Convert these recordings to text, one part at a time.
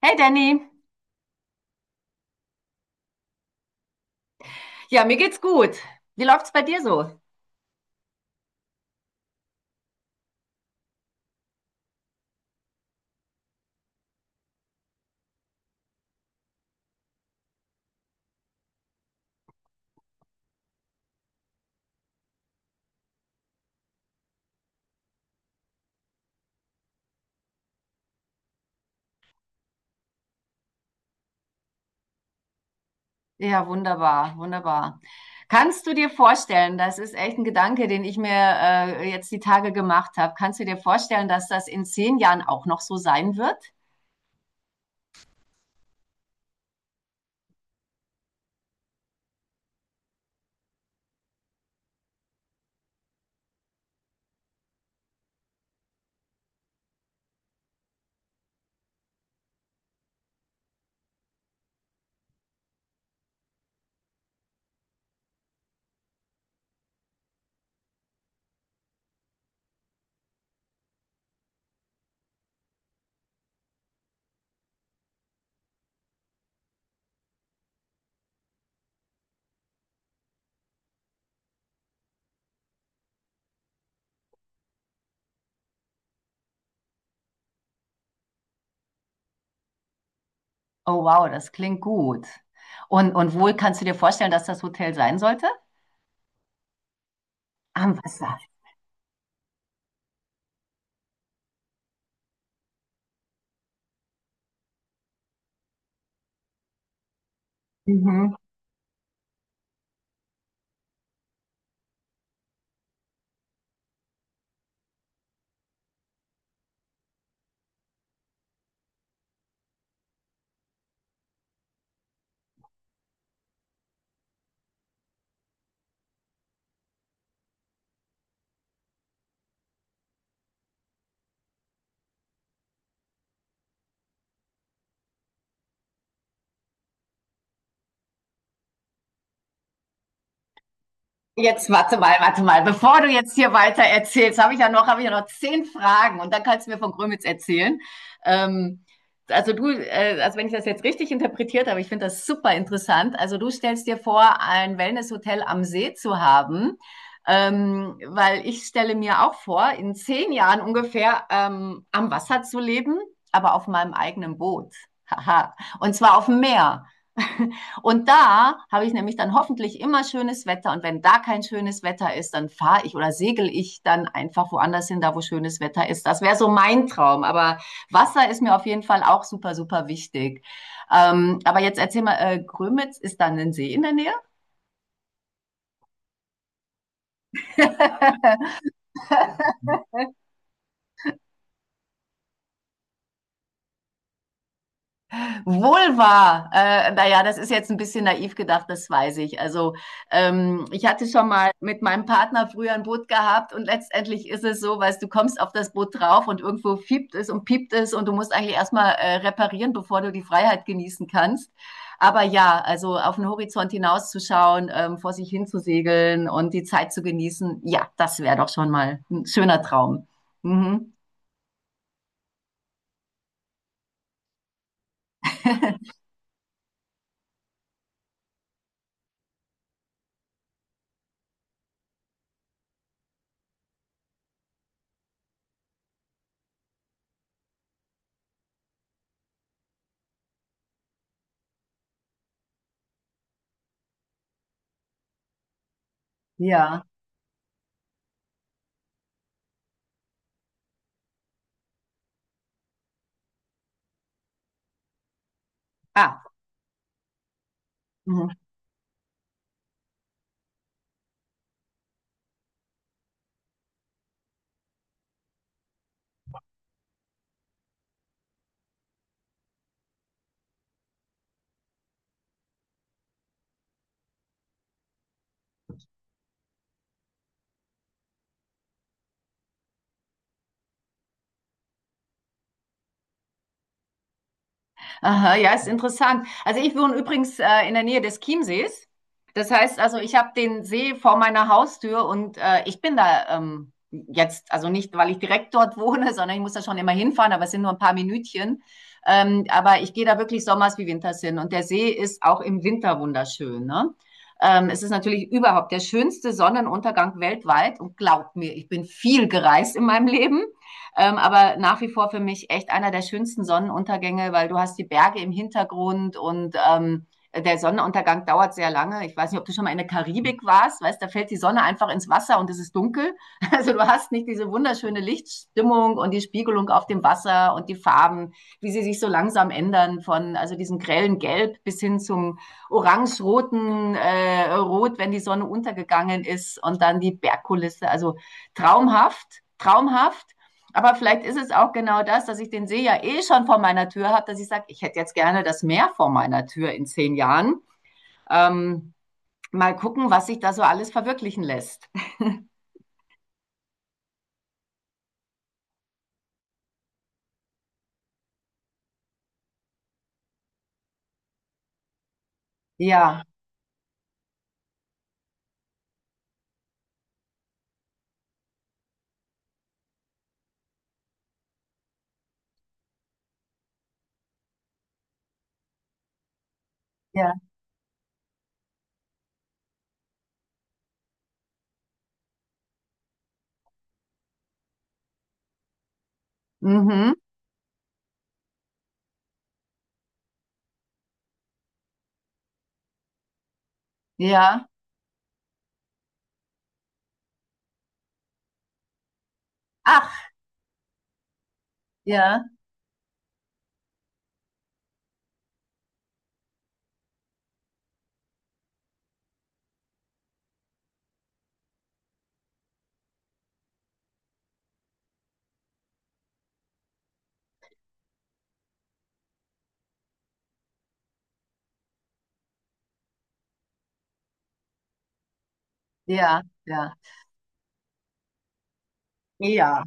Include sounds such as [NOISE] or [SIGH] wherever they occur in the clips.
Hey Danny, ja, mir geht's gut. Wie läuft's bei dir so? Ja, wunderbar, wunderbar. Kannst du dir vorstellen, das ist echt ein Gedanke, den ich mir jetzt die Tage gemacht habe. Kannst du dir vorstellen, dass das in 10 Jahren auch noch so sein wird? Oh wow, das klingt gut. Und wo kannst du dir vorstellen, dass das Hotel sein sollte? Am Wasser. Mhm. Jetzt warte mal, warte mal. Bevor du jetzt hier weiter erzählst, habe ich ja noch 10 Fragen und dann kannst du mir von Grömitz erzählen. Ähm, also du, also wenn ich das jetzt richtig interpretiert habe, ich finde das super interessant. Also du stellst dir vor, ein Wellnesshotel am See zu haben, weil ich stelle mir auch vor, in 10 Jahren ungefähr am Wasser zu leben, aber auf meinem eigenen Boot. Haha. Und zwar auf dem Meer. [LAUGHS] Und da habe ich nämlich dann hoffentlich immer schönes Wetter. Und wenn da kein schönes Wetter ist, dann fahre ich oder segel ich dann einfach woanders hin, da wo schönes Wetter ist. Das wäre so mein Traum. Aber Wasser ist mir auf jeden Fall auch super, super wichtig. Aber jetzt erzähl mal, Grömitz ist dann ein See in der Nähe? Wohl Vulva, naja, das ist jetzt ein bisschen naiv gedacht, das weiß ich. Also ich hatte schon mal mit meinem Partner früher ein Boot gehabt und letztendlich ist es so, weißt du, kommst auf das Boot drauf und irgendwo fiebt es und piept es und du musst eigentlich erstmal reparieren, bevor du die Freiheit genießen kannst. Aber ja, also auf den Horizont hinauszuschauen, vor sich hin zu segeln und die Zeit zu genießen, ja, das wäre doch schon mal ein schöner Traum. Mhm. [LAUGHS] Ja. Ah. Mhm. Aha, ja, ist interessant. Also ich wohne übrigens in der Nähe des Chiemsees. Das heißt also, ich habe den See vor meiner Haustür und ich bin da jetzt, also nicht, weil ich direkt dort [LAUGHS] wohne, sondern ich muss da schon immer hinfahren, aber es sind nur ein paar Minütchen. Aber ich gehe da wirklich sommers wie winters hin und der See ist auch im Winter wunderschön. Ne? Es ist natürlich überhaupt der schönste Sonnenuntergang weltweit und glaubt mir, ich bin viel gereist in meinem Leben. Aber nach wie vor für mich echt einer der schönsten Sonnenuntergänge, weil du hast die Berge im Hintergrund und der Sonnenuntergang dauert sehr lange. Ich weiß nicht, ob du schon mal in der Karibik warst, weißt, da fällt die Sonne einfach ins Wasser und es ist dunkel. [LAUGHS] Also du hast nicht diese wunderschöne Lichtstimmung und die Spiegelung auf dem Wasser und die Farben, wie sie sich so langsam ändern von also diesem grellen Gelb bis hin zum orange-roten Rot, wenn die Sonne untergegangen ist und dann die Bergkulisse. Also traumhaft, traumhaft. Aber vielleicht ist es auch genau das, dass ich den See ja eh schon vor meiner Tür habe, dass ich sage, ich hätte jetzt gerne das Meer vor meiner Tür in 10 Jahren. Ähm, Mal gucken, was sich da so alles verwirklichen lässt. Ja, ja, mhm, ja. Ach, ja, ja, ja, ja.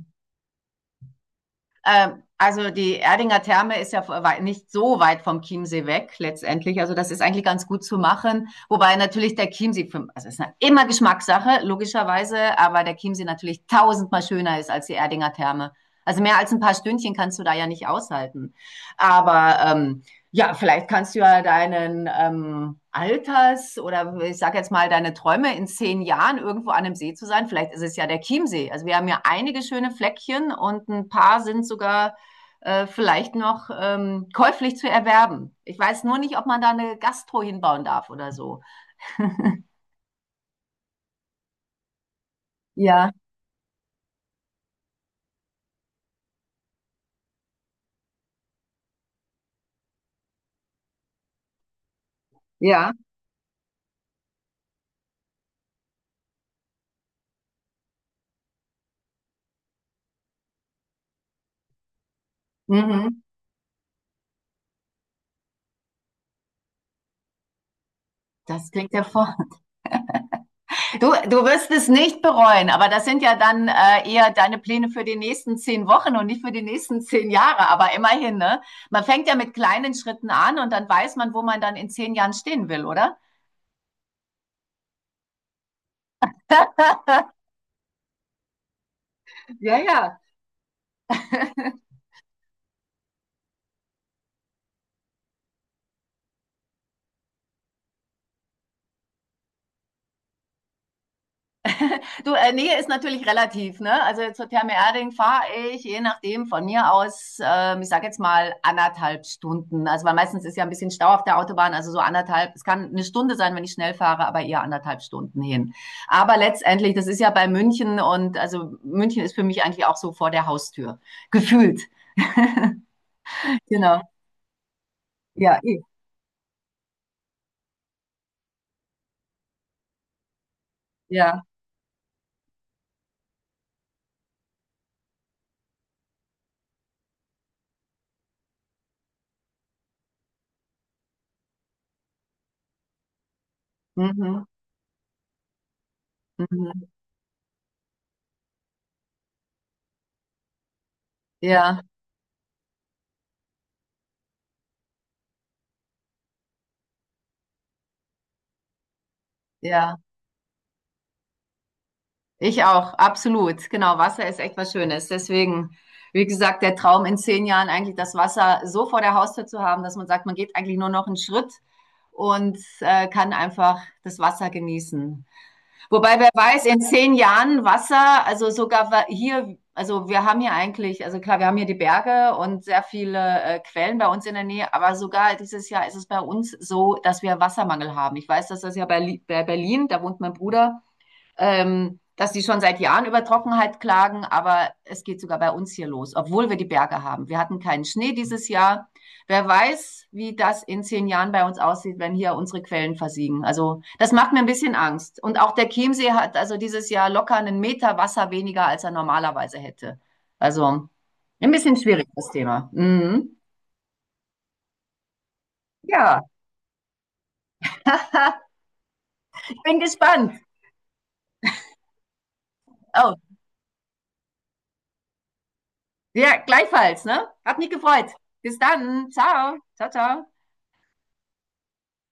Also die Erdinger Therme ist ja nicht so weit vom Chiemsee weg letztendlich. Also das ist eigentlich ganz gut zu machen. Wobei natürlich der Chiemsee, also es ist immer Geschmackssache, logischerweise, aber der Chiemsee natürlich tausendmal schöner ist als die Erdinger Therme. Also mehr als ein paar Stündchen kannst du da ja nicht aushalten. Aber ja, vielleicht kannst du ja deinen Alters oder ich sage jetzt mal deine Träume in 10 Jahren irgendwo an einem See zu sein. Vielleicht ist es ja der Chiemsee. Also wir haben ja einige schöne Fleckchen und ein paar sind sogar vielleicht noch käuflich zu erwerben. Ich weiß nur nicht, ob man da eine Gastro hinbauen darf oder so. Ja, ja. Mhm. Das klingt ja vor. Du wirst es nicht bereuen, aber das sind ja dann eher deine Pläne für die nächsten 10 Wochen und nicht für die nächsten 10 Jahre. Aber immerhin, ne? Man fängt ja mit kleinen Schritten an und dann weiß man, wo man dann in 10 Jahren stehen will, oder? Ja, ja. [LAUGHS] Du, Nähe ist natürlich relativ, ne? Also zur Therme Erding fahre ich, je nachdem, von mir aus, ich sage jetzt mal 1,5 Stunden. Also weil meistens ist ja ein bisschen Stau auf der Autobahn, also so anderthalb, es kann 1 Stunde sein, wenn ich schnell fahre, aber eher 1,5 Stunden hin. Aber letztendlich, das ist ja bei München und also München ist für mich eigentlich auch so vor der Haustür. Gefühlt. Genau. Ja, eh. Ja. Mhm. Mhm. Mhm. Ja, ja. Ich auch, absolut. Genau, Wasser ist echt was Schönes. Deswegen, wie gesagt, der Traum in 10 Jahren eigentlich das Wasser so vor der Haustür zu haben, dass man sagt, man geht eigentlich nur noch einen Schritt und kann einfach das Wasser genießen. Wobei, wer weiß, in zehn Jahren Wasser, also sogar hier, also wir haben hier eigentlich, also klar, wir haben hier die Berge und sehr viele Quellen bei uns in der Nähe, aber sogar dieses Jahr ist es bei uns so, dass wir Wassermangel haben. Ich weiß, dass das ja bei, bei Berlin, da wohnt mein Bruder, dass die schon seit Jahren über Trockenheit klagen, aber es geht sogar bei uns hier los, obwohl wir die Berge haben. Wir hatten keinen Schnee dieses Jahr. Wer weiß, wie das in 10 Jahren bei uns aussieht, wenn hier unsere Quellen versiegen. Also das macht mir ein bisschen Angst. Und auch der Chiemsee hat also dieses Jahr locker 1 Meter Wasser weniger, als er normalerweise hätte. Also ein bisschen schwierig das Thema. Mhm. Ja, [LAUGHS] ich bin gespannt. Oh, ja, gleichfalls, ne? Hat mich gefreut. Bis dann. Ciao. Ciao, ciao.